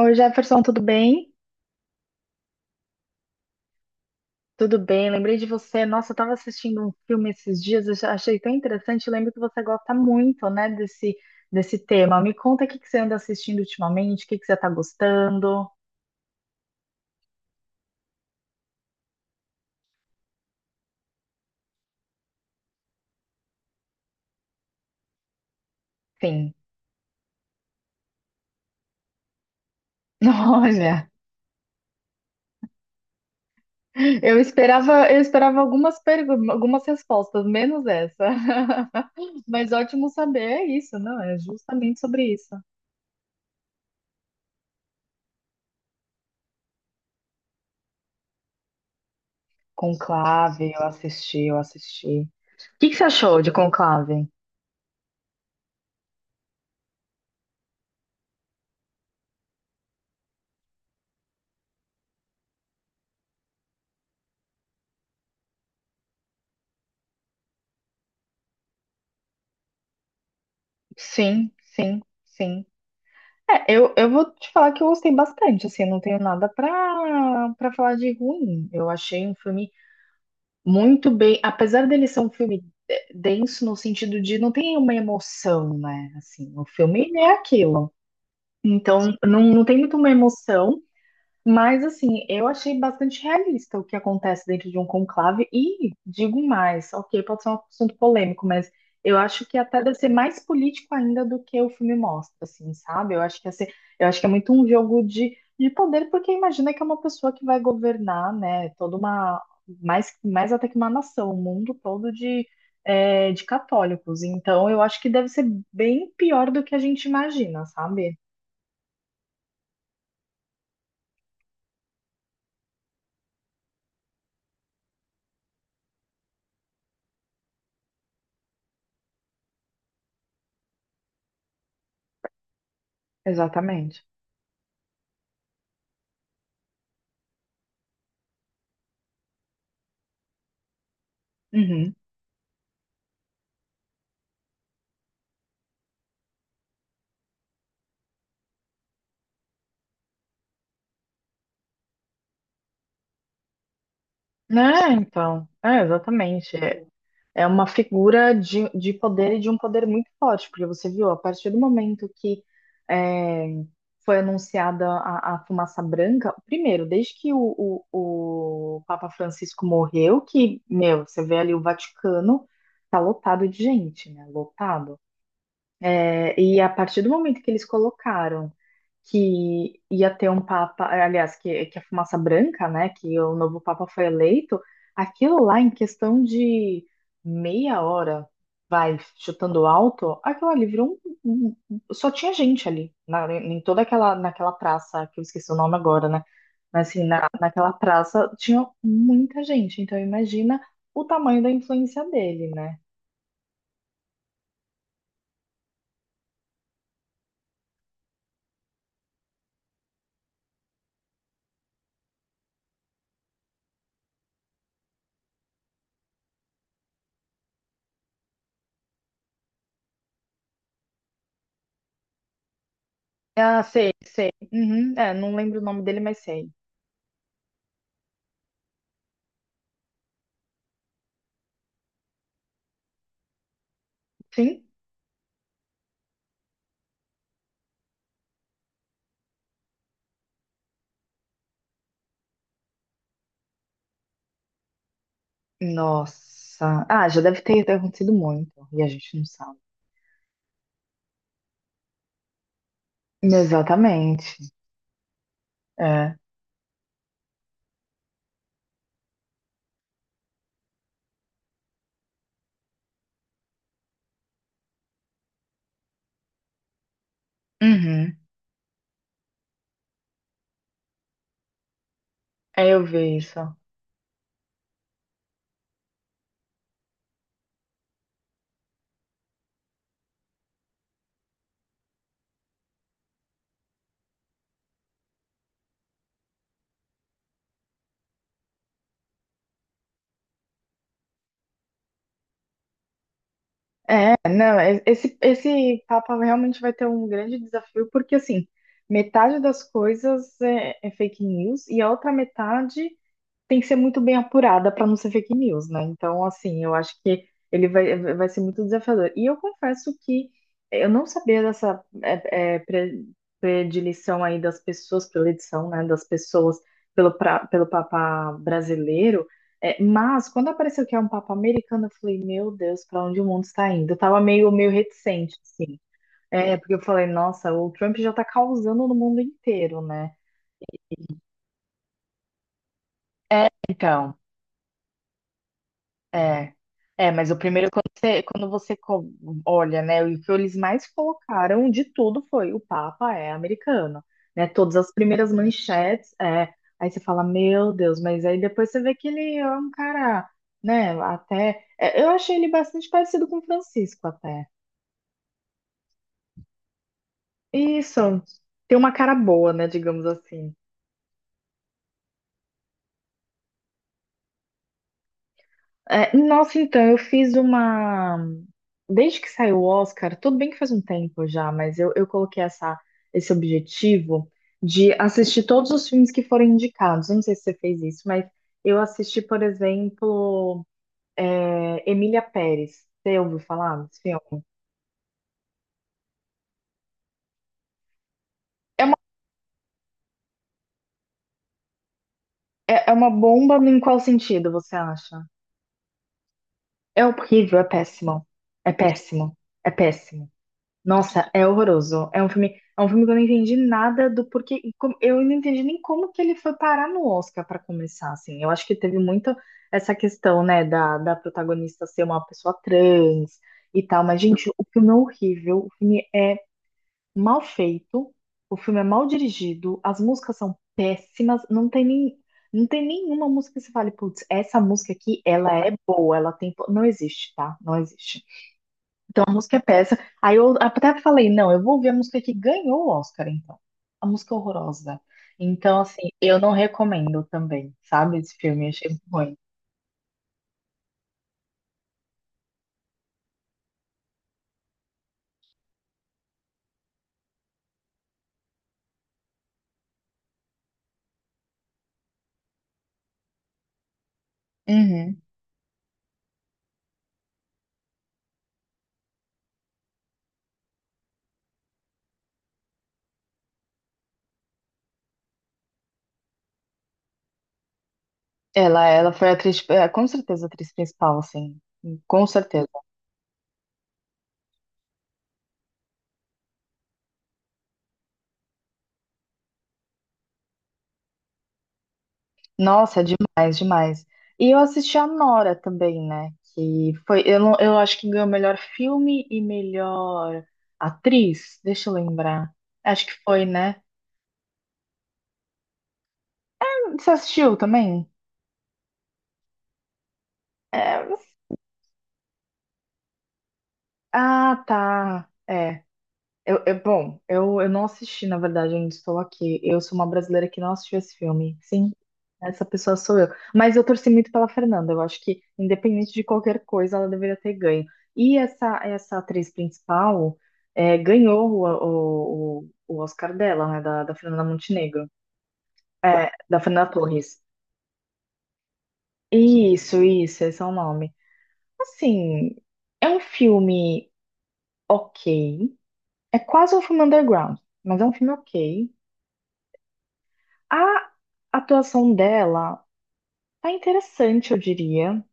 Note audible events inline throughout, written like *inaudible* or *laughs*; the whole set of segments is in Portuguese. Oi, Jefferson, tudo bem? Tudo bem, lembrei de você. Nossa, eu estava assistindo um filme esses dias, eu já achei tão interessante. Lembro que você gosta muito, né, desse tema. Me conta o que que você anda assistindo ultimamente, o que que você está gostando. Sim. *laughs* Olha, eu esperava algumas perguntas, algumas respostas, menos essa. *laughs* Mas ótimo saber, é isso, não? É justamente sobre isso. Conclave, eu assisti, eu assisti. O que que você achou de Conclave? Sim, sim, sim. É, eu vou te falar que eu gostei bastante, assim, eu não tenho nada pra falar de ruim. Eu achei um filme muito bem, apesar dele ser um filme denso no sentido de não tem uma emoção, né? Assim, o filme ele é aquilo. Então, não tem muito uma emoção, mas, assim, eu achei bastante realista o que acontece dentro de um conclave. E digo mais, ok, pode ser um assunto polêmico, mas eu acho que até deve ser mais político ainda do que o filme mostra, assim, sabe? Eu acho que é muito um jogo de poder, porque imagina que é uma pessoa que vai governar, né, toda uma, mais até que uma nação, o mundo todo de católicos. Então, eu acho que deve ser bem pior do que a gente imagina, sabe? Exatamente. Né, então, exatamente. É uma figura de poder e de um poder muito forte, porque você viu, a partir do momento que é, foi anunciada a fumaça branca, primeiro, desde que o Papa Francisco morreu, que, meu, você vê ali o Vaticano tá lotado de gente, né? Lotado. É, e a partir do momento que eles colocaram que ia ter um papa, aliás, que a fumaça branca, né, que o novo papa foi eleito, aquilo lá em questão de meia hora, vai chutando alto, aquilo ali virou um, só tinha gente ali, em naquela praça, que eu esqueci o nome agora, né, mas assim, naquela praça tinha muita gente, então imagina o tamanho da influência dele, né. Ah, sei, sei. Uhum, não lembro o nome dele, mas sei. Sim. Nossa. Ah, já deve ter acontecido muito. E a gente não sabe. Exatamente. É. Uhum. É, eu vejo. É, não, esse Papa realmente vai ter um grande desafio, porque assim, metade das coisas é fake news e a outra metade. Tem que ser muito bem apurada para não ser fake news, né? Então, assim, eu acho que ele vai ser muito desafiador. E eu confesso que eu não sabia dessa predileção aí das pessoas, predileção, né, das pessoas pelo Papa brasileiro. É, mas quando apareceu que é um Papa americano, eu falei, meu Deus, para onde o mundo está indo? Eu tava meio, meio reticente, assim. É, porque eu falei, nossa, o Trump já tá causando no mundo inteiro, né? É, então. É, mas o primeiro, olha, né, o que eles mais colocaram de tudo foi o Papa é americano, né, todas as primeiras manchetes. Aí você fala, meu Deus, mas aí depois você vê que ele é um cara, né, até, eu achei ele bastante parecido com o Francisco até, isso, tem uma cara boa, né, digamos assim. É, nossa, então, eu fiz uma. Desde que saiu o Oscar, tudo bem que faz um tempo já, mas eu coloquei esse objetivo de assistir todos os filmes que foram indicados. Eu não sei se você fez isso, mas eu assisti, por exemplo, Emília Pérez. Você ouviu falar desse filme? É uma, é uma bomba em qual sentido você acha? É horrível, é péssimo. É péssimo, é péssimo. Nossa, é horroroso. É um filme que eu não entendi nada do porquê. Eu não entendi nem como que ele foi parar no Oscar para começar, assim. Eu acho que teve muito essa questão, né, da protagonista ser uma pessoa trans e tal. Mas, gente, o filme é horrível. O filme é mal feito. O filme é mal dirigido. As músicas são péssimas. Não tem nenhuma música que você fale, putz, essa música aqui, ela é boa, ela tem. Não existe, tá? Não existe, a música é péssima. Aí eu até falei, não, eu vou ver a música que ganhou o Oscar, então. A música é horrorosa. Então, assim, eu não recomendo também, sabe? Esse filme, eu achei muito ruim. Uhum. Ela foi a atriz, com certeza, a atriz principal, assim. Com certeza. Nossa, é demais, demais. E eu assisti a Nora também, né? Que foi, eu, não- eu acho que ganhou melhor filme e melhor atriz. Deixa eu lembrar. Acho que foi, né? Você assistiu também? Ah, tá. É. Bom, eu não assisti, na verdade, ainda estou aqui. Eu sou uma brasileira que não assistiu esse filme. Sim, essa pessoa sou eu. Mas eu torci muito pela Fernanda. Eu acho que, independente de qualquer coisa, ela deveria ter ganho. E essa atriz principal ganhou o Oscar dela, né? Da Fernanda Montenegro. É, da Fernanda Torres. Isso, esse é o nome. Assim, é um filme ok. É quase um filme underground, mas é um filme ok. A atuação dela tá interessante, eu diria.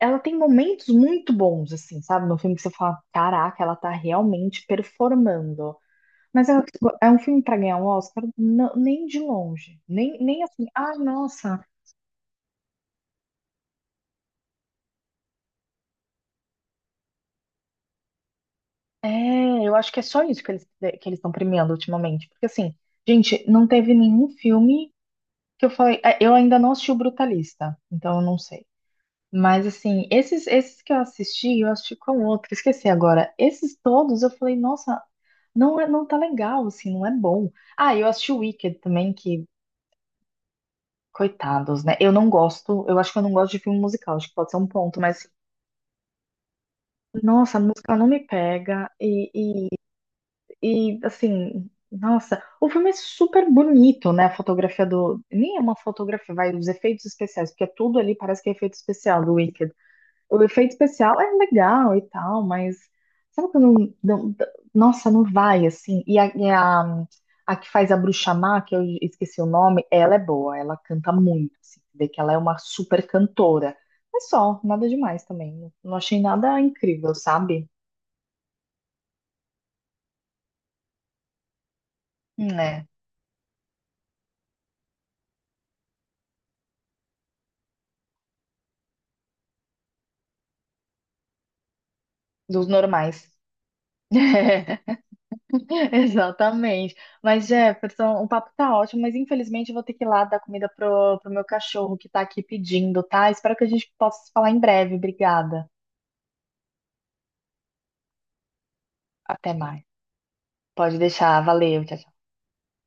Ela tem momentos muito bons, assim, sabe? No filme que você fala, caraca, ela tá realmente performando. Mas é um filme pra ganhar um Oscar? Não, nem de longe. Nem, eu acho que é só isso que eles estão premiando ultimamente. Porque assim, gente, não teve nenhum filme que eu falei. Eu ainda não assisti o Brutalista, então eu não sei. Mas assim, esses que eu assisti com outro, esqueci agora. Esses todos eu falei, nossa, não é, não tá legal, assim, não é bom. Ah, eu assisti o Wicked também, que coitados, né? Eu não gosto, eu acho que eu não gosto de filme musical, acho que pode ser um ponto, mas nossa, a música não me pega e assim, nossa, o filme é super bonito, né? A fotografia do, nem é uma fotografia, vai os efeitos especiais, porque é tudo ali parece que é efeito especial do Wicked. O efeito especial é legal e tal, mas sabe quando nossa, não vai assim. E a que faz a Bruxa Má, que eu esqueci o nome, ela é boa, ela canta muito, assim, vê que ela é uma super cantora. Mas só, nada demais também. Não achei nada incrível, sabe? É, dos normais. *laughs* *laughs* Exatamente. Mas, Jefferson, o papo tá ótimo, mas infelizmente eu vou ter que ir lá dar comida pro meu cachorro que tá aqui pedindo, tá? Espero que a gente possa se falar em breve. Obrigada. Até mais. Pode deixar. Valeu. Tchau,